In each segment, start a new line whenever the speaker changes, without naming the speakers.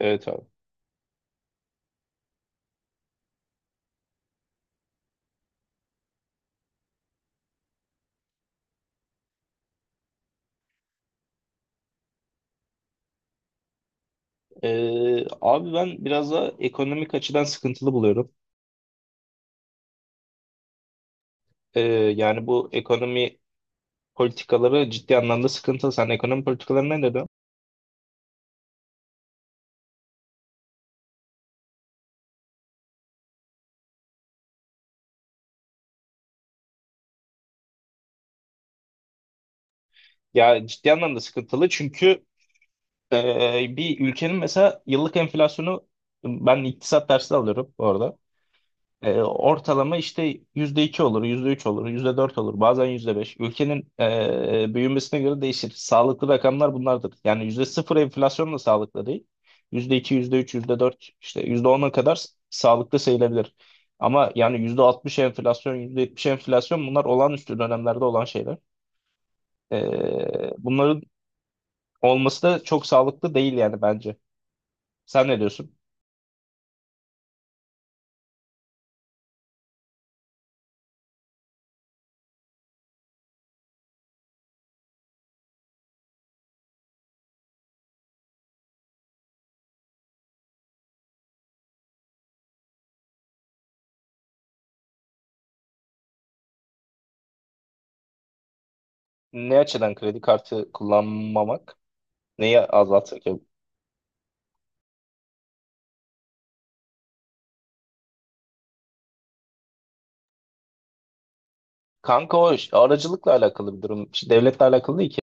Evet abi. Abi ben biraz da ekonomik açıdan sıkıntılı buluyorum. Ee, Yani bu ekonomi politikaları ciddi anlamda sıkıntılı. Sen ekonomi politikaları ne dedin? Ya ciddi anlamda sıkıntılı çünkü bir ülkenin mesela yıllık enflasyonu ben iktisat dersi alıyorum orada. Ortalama işte yüzde iki olur, yüzde üç olur, yüzde dört olur, bazen yüzde beş. Ülkenin büyümesine göre değişir. Sağlıklı rakamlar bunlardır. Yani yüzde sıfır enflasyon da sağlıklı değil. Yüzde iki, yüzde üç, yüzde dört, işte yüzde ona kadar sağlıklı sayılabilir. Ama yani yüzde altmış enflasyon, yüzde yetmiş enflasyon bunlar olağanüstü dönemlerde olan şeyler. Bunların olması da çok sağlıklı değil yani bence. Sen ne diyorsun? Ne açıdan kredi kartı kullanmamak neyi azaltır ki? Kanka o aracılıkla alakalı bir durum. İşte devletle alakalı değil ki.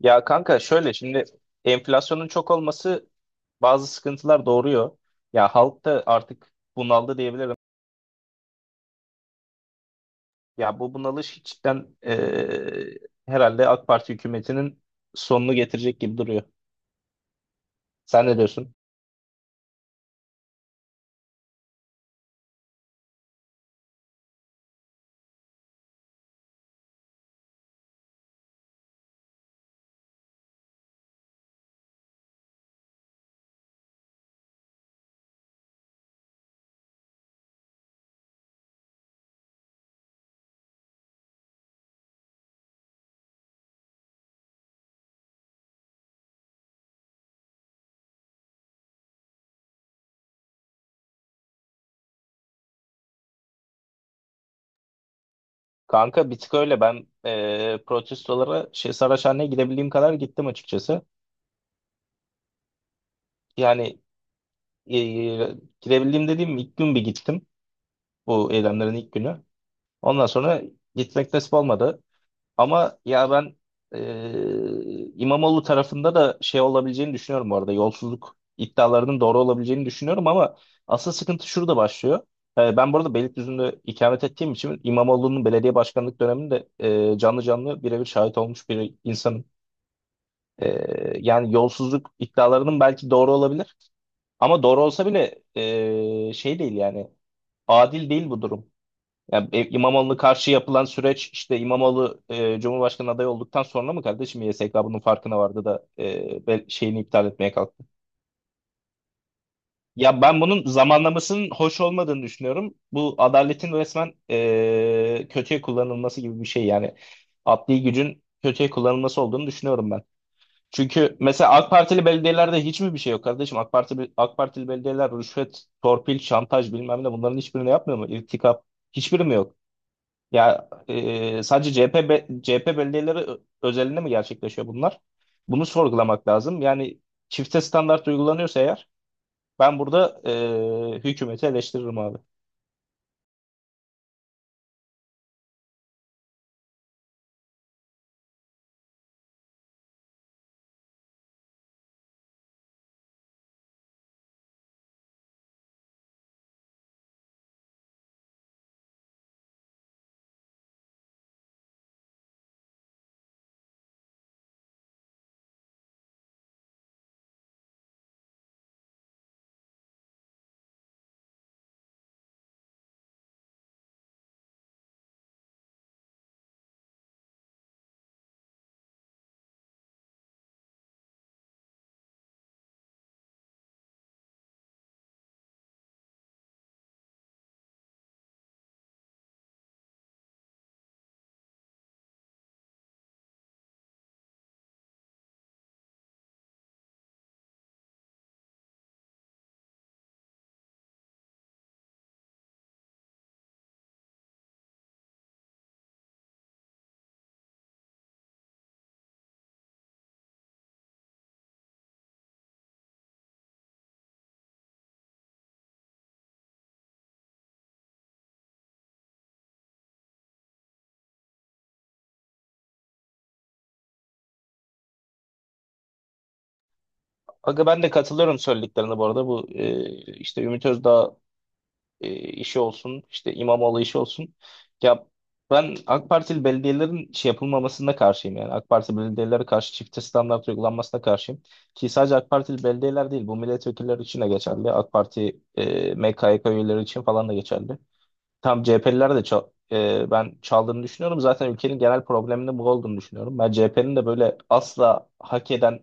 Ya kanka şöyle şimdi enflasyonun çok olması bazı sıkıntılar doğuruyor. Ya halk da artık bunaldı diyebilirim. Ya bu bunalış cidden herhalde AK Parti hükümetinin sonunu getirecek gibi duruyor. Sen ne diyorsun? Kanka bir tık öyle ben protestolara şey Saraçhane'ye gidebildiğim kadar gittim açıkçası. Yani eee, gidebildiğim dediğim ilk gün bir gittim bu eylemlerin ilk günü. Ondan sonra gitmek nasip olmadı. Ama ya ben İmamoğlu tarafında da şey olabileceğini düşünüyorum bu arada. Yolsuzluk iddialarının doğru olabileceğini düşünüyorum ama asıl sıkıntı şurada başlıyor. Ben bu arada Beylikdüzü'nde ikamet ettiğim için İmamoğlu'nun belediye başkanlık döneminde canlı canlı birebir şahit olmuş bir insanım. E, Yani yolsuzluk iddialarının belki doğru olabilir. Ama doğru olsa bile şey değil yani adil değil bu durum. Ya İmamoğlu'na karşı yapılan süreç işte İmamoğlu Cumhurbaşkanı adayı olduktan sonra mı kardeşim YSK bunun farkına vardı da şeyini iptal etmeye kalktı? Ya ben bunun zamanlamasının hoş olmadığını düşünüyorum. Bu adaletin resmen kötüye kullanılması gibi bir şey yani adli gücün kötüye kullanılması olduğunu düşünüyorum ben. Çünkü mesela AK Partili belediyelerde hiç mi bir şey yok kardeşim? AK Parti, AK Partili belediyeler rüşvet, torpil, şantaj bilmem ne bunların hiçbirini yapmıyor mu? İrtikap hiçbiri mi yok? Ya sadece CHP belediyeleri özelinde mi gerçekleşiyor bunlar? Bunu sorgulamak lazım. Yani çifte standart uygulanıyorsa eğer ben burada hükümeti eleştiririm abi. Aga ben de katılıyorum söylediklerine bu arada. Bu işte Ümit Özdağ işi olsun, işte İmamoğlu işi olsun. Ya ben AK Partili belediyelerin şey yapılmamasına karşıyım yani. AK Parti belediyelere karşı çifte standart uygulanmasına karşıyım. Ki sadece AK Partili belediyeler değil, bu milletvekilleri için de geçerli. AK Parti MKYK üyeleri için falan da geçerli. Tam CHP'liler de çok ben çaldığını düşünüyorum. Zaten ülkenin genel probleminin bu olduğunu düşünüyorum. Ben CHP'nin de böyle asla hak eden,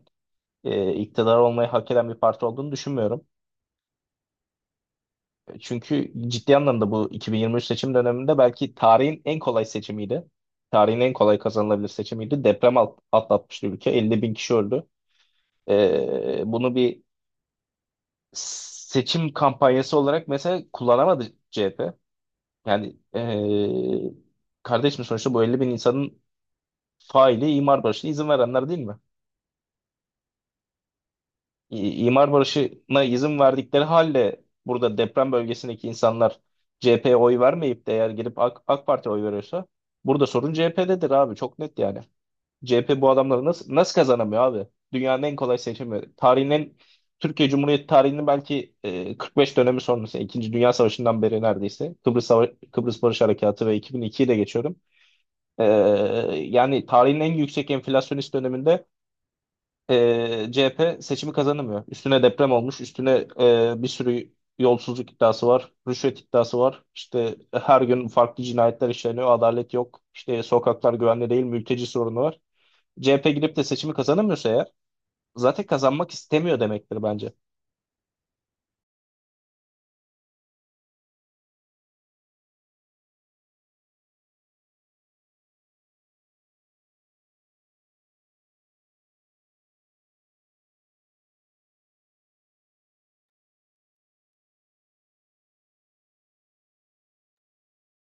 iktidar olmayı hak eden bir parti olduğunu düşünmüyorum. Çünkü ciddi anlamda bu 2023 seçim döneminde belki tarihin en kolay seçimiydi. Tarihin en kolay kazanılabilir seçimiydi. Deprem atlatmıştı ülke. 50 bin kişi öldü. Bunu bir seçim kampanyası olarak mesela kullanamadı CHP. Yani kardeşim sonuçta bu 50 bin insanın faili imar barışına izin verenler değil mi? İmar barışına izin verdikleri halde burada deprem bölgesindeki insanlar CHP'ye oy vermeyip de eğer girip AK Parti'ye oy veriyorsa burada sorun CHP'dedir abi çok net yani. CHP bu adamları nasıl nasıl kazanamıyor abi? Dünyanın en kolay seçimi. Türkiye Cumhuriyeti tarihinin belki 45 dönemi sonrası, İkinci Dünya Savaşı'ndan beri neredeyse. Kıbrıs, Kıbrıs Barış Harekatı ve 2002'yi de geçiyorum. E, Yani tarihin en yüksek enflasyonist döneminde CHP seçimi kazanamıyor. Üstüne deprem olmuş, üstüne bir sürü yolsuzluk iddiası var, rüşvet iddiası var. İşte her gün farklı cinayetler işleniyor, adalet yok. İşte sokaklar güvenli değil, mülteci sorunu var. CHP gidip de seçimi kazanamıyorsa eğer zaten kazanmak istemiyor demektir bence.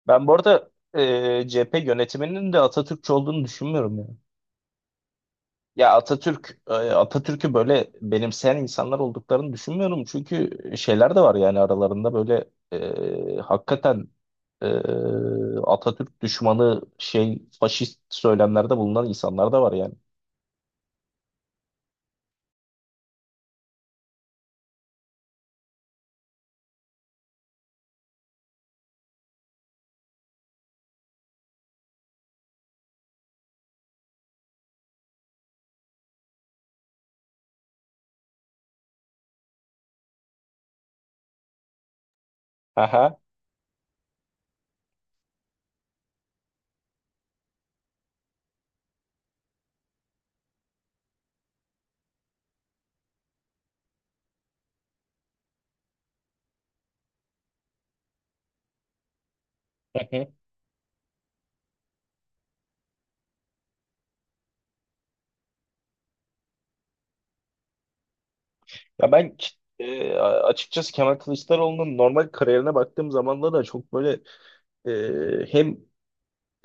Ben bu arada CHP yönetiminin de Atatürkçü olduğunu düşünmüyorum ya. Ya Atatürk'ü böyle benimseyen insanlar olduklarını düşünmüyorum. Çünkü şeyler de var yani aralarında böyle hakikaten e, Atatürk düşmanı şey faşist söylemlerde bulunan insanlar da var yani. Aha. Hı hı. Ya ben açıkçası Kemal Kılıçdaroğlu'nun normal kariyerine baktığım zaman da çok böyle hem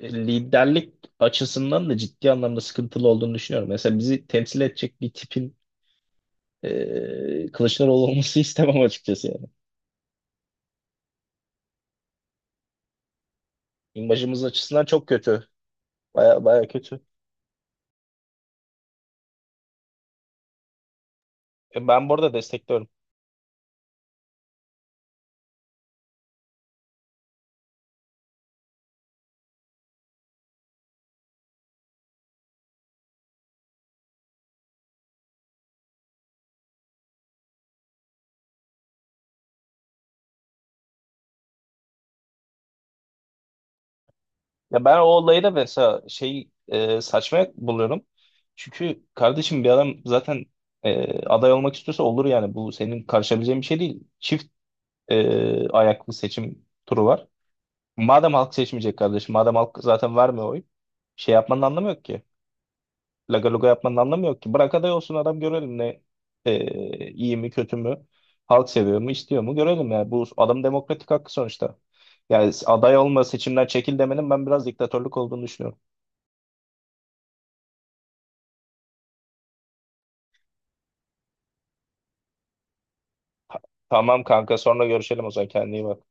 liderlik açısından da ciddi anlamda sıkıntılı olduğunu düşünüyorum. Mesela bizi temsil edecek bir tipin Kılıçdaroğlu olması istemem açıkçası yani. İmajımız açısından çok kötü. Baya baya kötü. Ben bu arada destekliyorum. Ya ben o olayı da mesela şey saçma buluyorum. Çünkü kardeşim bir adam zaten aday olmak istiyorsa olur yani. Bu senin karışabileceğin bir şey değil. Çift ayaklı seçim turu var. Madem halk seçmeyecek kardeşim, madem halk zaten vermiyor oy, şey yapmanın anlamı yok ki. Laga luga yapmanın anlamı yok ki. Bırak aday olsun adam görelim ne iyi mi kötü mü halk seviyor mu istiyor mu görelim ya. Bu adam demokratik hakkı sonuçta. Yani aday olma seçimden çekil demenin ben biraz diktatörlük olduğunu düşünüyorum. Tamam kanka sonra görüşelim o zaman kendine iyi bak.